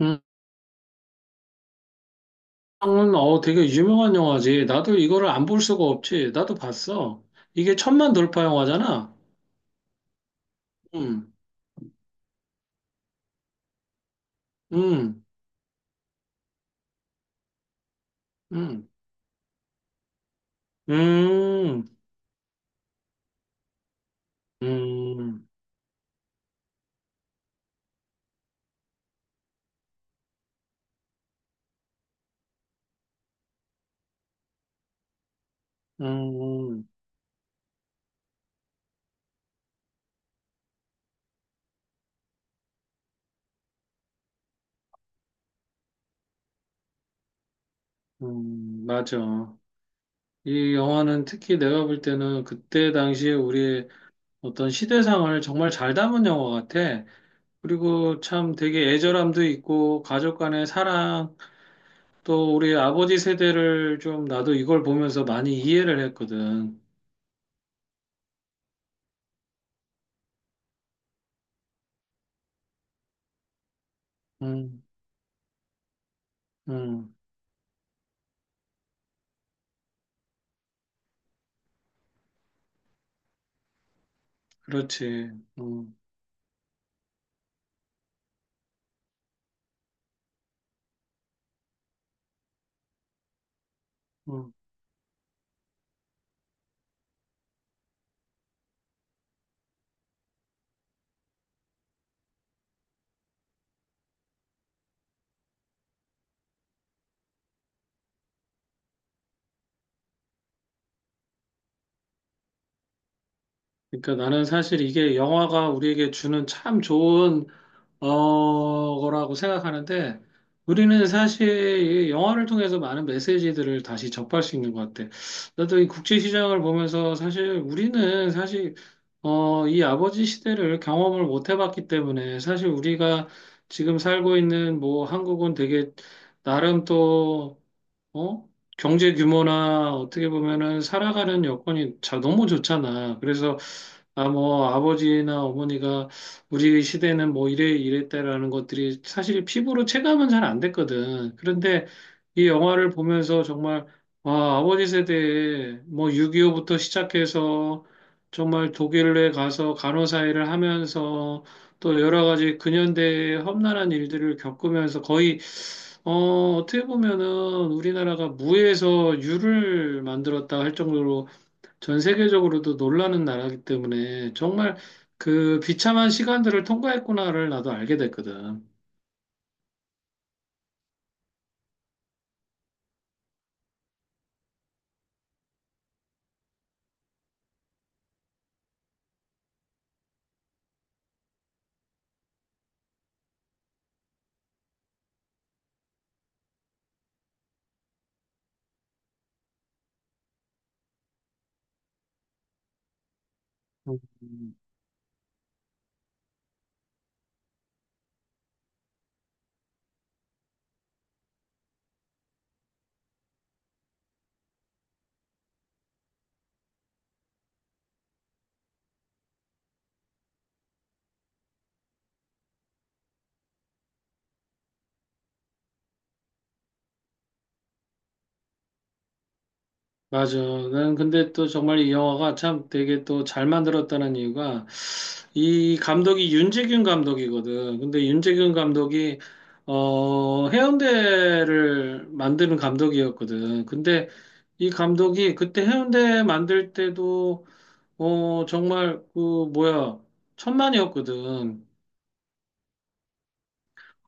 음, 되게 유명한 영화지. 나도 이거를 안 볼 수가 없지. 나도 봤어. 이게 천만 돌파 영화잖아. 음. 음. 음. 음. 음. 음. 음. 맞아. 이 영화는 특히 내가 볼 때는 그때 당시에 우리의 어떤 시대상을 정말 잘 담은 영화 같아. 그리고 참 되게 애절함도 있고, 가족 간의 사랑, 또 우리 아버지 세대를 좀 나도 이걸 보면서 많이 이해를 했거든. 음. 음. 그렇지. 음. 음. 그러니까 나는 사실 이게 영화가 우리에게 주는 참 좋은 거라고 생각하는데 우리는 사실 이 영화를 통해서 많은 메시지들을 다시 접할 수 있는 것 같아. 나도 이 국제 시장을 보면서 사실 우리는 사실 이 아버지 시대를 경험을 못 해봤기 때문에 사실 우리가 지금 살고 있는 뭐 한국은 되게 나름 또 어? 경제 규모나 어떻게 보면은 살아가는 여건이 자, 너무 좋잖아. 그래서 아, 뭐, 아버지나 어머니가 우리 시대는 뭐 이래 이랬다라는 것들이 사실 피부로 체감은 잘 안 됐거든. 그런데 이 영화를 보면서 정말, 와, 아버지 세대에 뭐 6.25부터 시작해서 정말 독일에 가서 간호사 일을 하면서 또 여러 가지 근현대의 험난한 일들을 겪으면서 거의, 어떻게 보면은 우리나라가 무에서 유를 만들었다 할 정도로 전 세계적으로도 놀라는 나라이기 때문에 정말 그 비참한 시간들을 통과했구나를 나도 알게 됐거든. 음. 맞아. 난 근데 또 정말 이 영화가 참 되게 또 잘 만들었다는 이유가 이 감독이 윤재균 감독이거든. 근데 윤재균 감독이 해운대를 만드는 감독이었거든. 근데 이 감독이 그때 해운대 만들 때도 정말 그 뭐야 천만이었거든.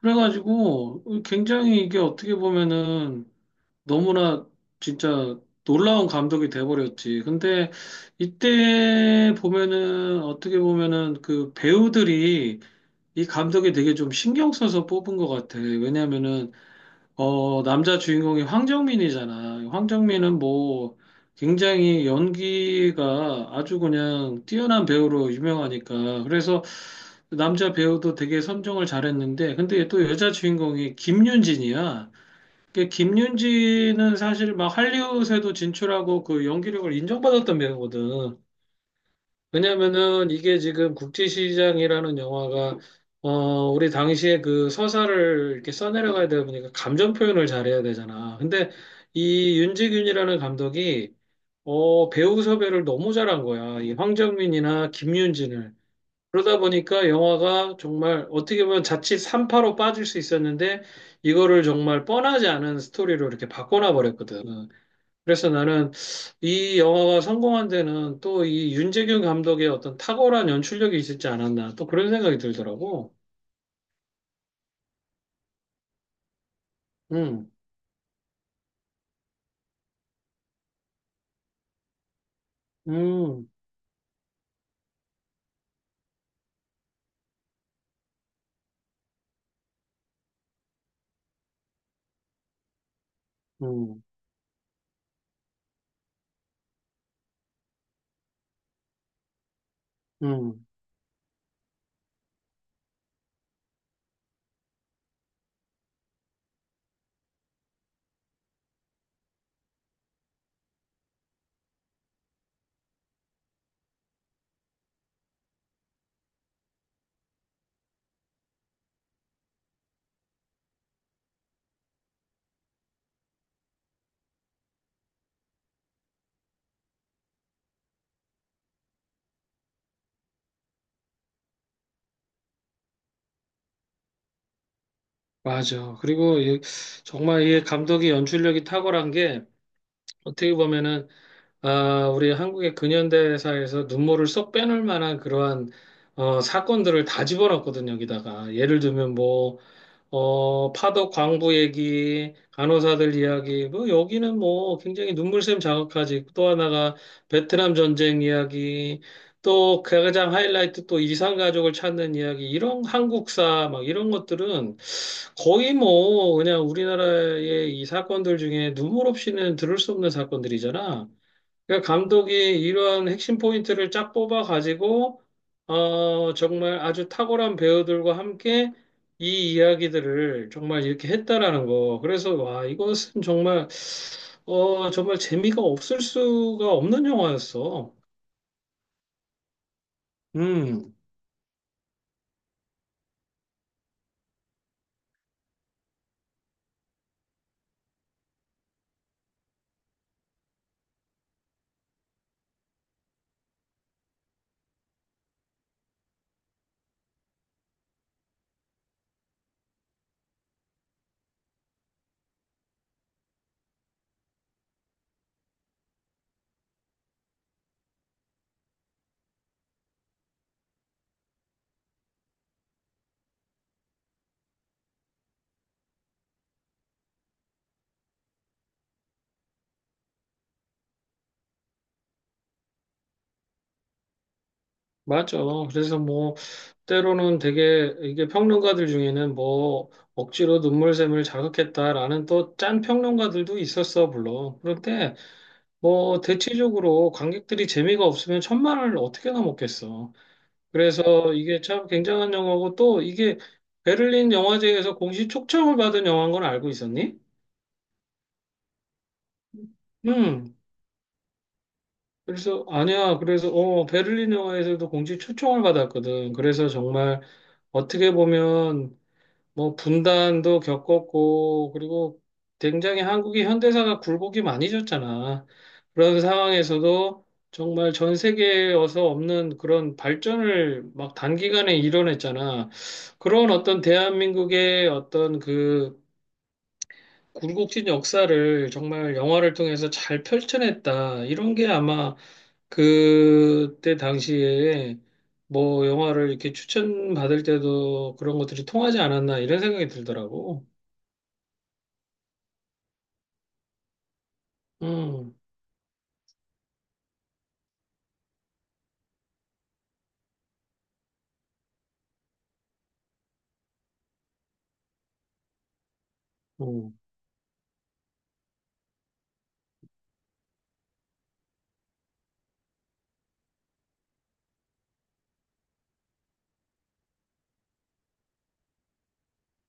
그래가지고 굉장히 이게 어떻게 보면은 너무나 진짜 놀라운 감독이 돼버렸지. 근데 이때 보면은 어떻게 보면은 그 배우들이 이 감독이 되게 좀 신경 써서 뽑은 것 같아. 왜냐면은 남자 주인공이 황정민이잖아. 황정민은 뭐 굉장히 연기가 아주 그냥 뛰어난 배우로 유명하니까. 그래서 남자 배우도 되게 선정을 잘했는데, 근데 또 여자 주인공이 김윤진이야. 그 김윤진은 사실 막 할리우드에도 진출하고 그 연기력을 인정받았던 배우거든. 왜냐면은 이게 지금 국제시장이라는 영화가 어 우리 당시에 그 서사를 이렇게 써내려가야 되다 보니까 감정 표현을 잘해야 되잖아. 근데 이 윤지균이라는 감독이 배우 섭외를 너무 잘한 거야. 이 황정민이나 김윤진을. 그러다 보니까 영화가 정말 어떻게 보면 자칫 삼파로 빠질 수 있었는데 이거를 정말 뻔하지 않은 스토리로 이렇게 바꿔놔 버렸거든. 그래서 나는 이 영화가 성공한 데는 또 이 윤재균 감독의 어떤 탁월한 연출력이 있었지 않았나. 또 그런 생각이 들더라고. 음. 음. 음. 음. 맞아. 그리고 정말 이 감독의 연출력이 탁월한 게 어떻게 보면은, 아, 우리 한국의 근현대사에서 눈물을 쏙 빼놓을 만한 그러한, 사건들을 다 집어넣었거든, 여기다가. 예를 들면 뭐, 파독 광부 얘기, 간호사들 이야기, 뭐, 여기는 뭐, 굉장히 눈물샘 자극하지. 또 하나가 베트남 전쟁 이야기, 또 가장 하이라이트 또 이산 가족을 찾는 이야기, 이런 한국사, 막 이런 것들은 거의 뭐, 그냥 우리나라의 이 사건들 중에 눈물 없이는 들을 수 없는 사건들이잖아. 그러니까 감독이 이러한 핵심 포인트를 쫙 뽑아가지고, 정말 아주 탁월한 배우들과 함께 이 이야기들을 정말 이렇게 했다라는 거. 그래서, 와, 이것은 정말, 정말 재미가 없을 수가 없는 영화였어. 음. 맞죠. 그래서 뭐, 때로는 되게, 이게 평론가들 중에는 뭐, 억지로 눈물샘을 자극했다라는 또 짠 평론가들도 있었어, 물론. 그런데, 뭐, 대체적으로 관객들이 재미가 없으면 천만을 어떻게나 먹겠어. 그래서 이게 참 굉장한 영화고 또 이게 베를린 영화제에서 공식 초청을 받은 영화인 건 알고 있었니? 음. 그래서, 아니야. 그래서, 베를린 영화제에서도 공식 초청을 받았거든. 그래서 정말 어떻게 보면 뭐 분단도 겪었고 그리고 굉장히 한국이 현대사가 굴곡이 많이 졌잖아. 그런 상황에서도 정말 전 세계에서 없는 그런 발전을 막 단기간에 이뤄냈잖아. 그런 어떤 대한민국의 어떤 그 굴곡진 역사를 정말 영화를 통해서 잘 펼쳐냈다. 이런 게 아마 그때 당시에 뭐 영화를 이렇게 추천받을 때도 그런 것들이 통하지 않았나 이런 생각이 들더라고. 음. 음.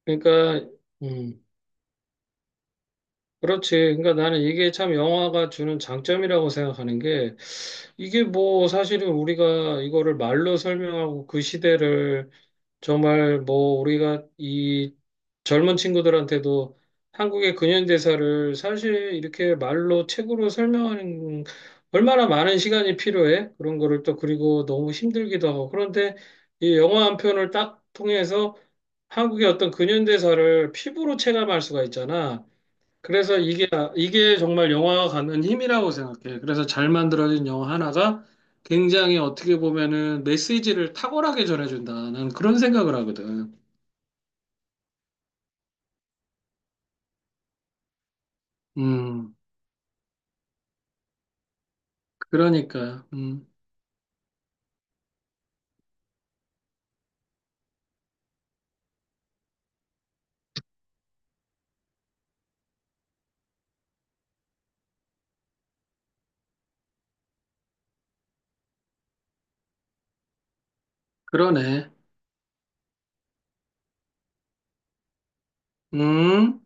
그러니까, 음, 그렇지. 그러니까 나는 이게 참 영화가 주는 장점이라고 생각하는 게 이게 뭐 사실은 우리가 이거를 말로 설명하고 그 시대를 정말 뭐 우리가 이 젊은 친구들한테도 한국의 근현대사를 사실 이렇게 말로 책으로 설명하는 얼마나 많은 시간이 필요해. 그런 거를 또 그리고 너무 힘들기도 하고. 그런데 이 영화 한 편을 딱 통해서 한국의 어떤 근현대사를 피부로 체감할 수가 있잖아. 그래서 이게 정말 영화가 갖는 힘이라고 생각해. 그래서 잘 만들어진 영화 하나가 굉장히 어떻게 보면은 메시지를 탁월하게 전해준다. 난 그런 생각을 하거든. 음, 그러니까, 그러네. 음.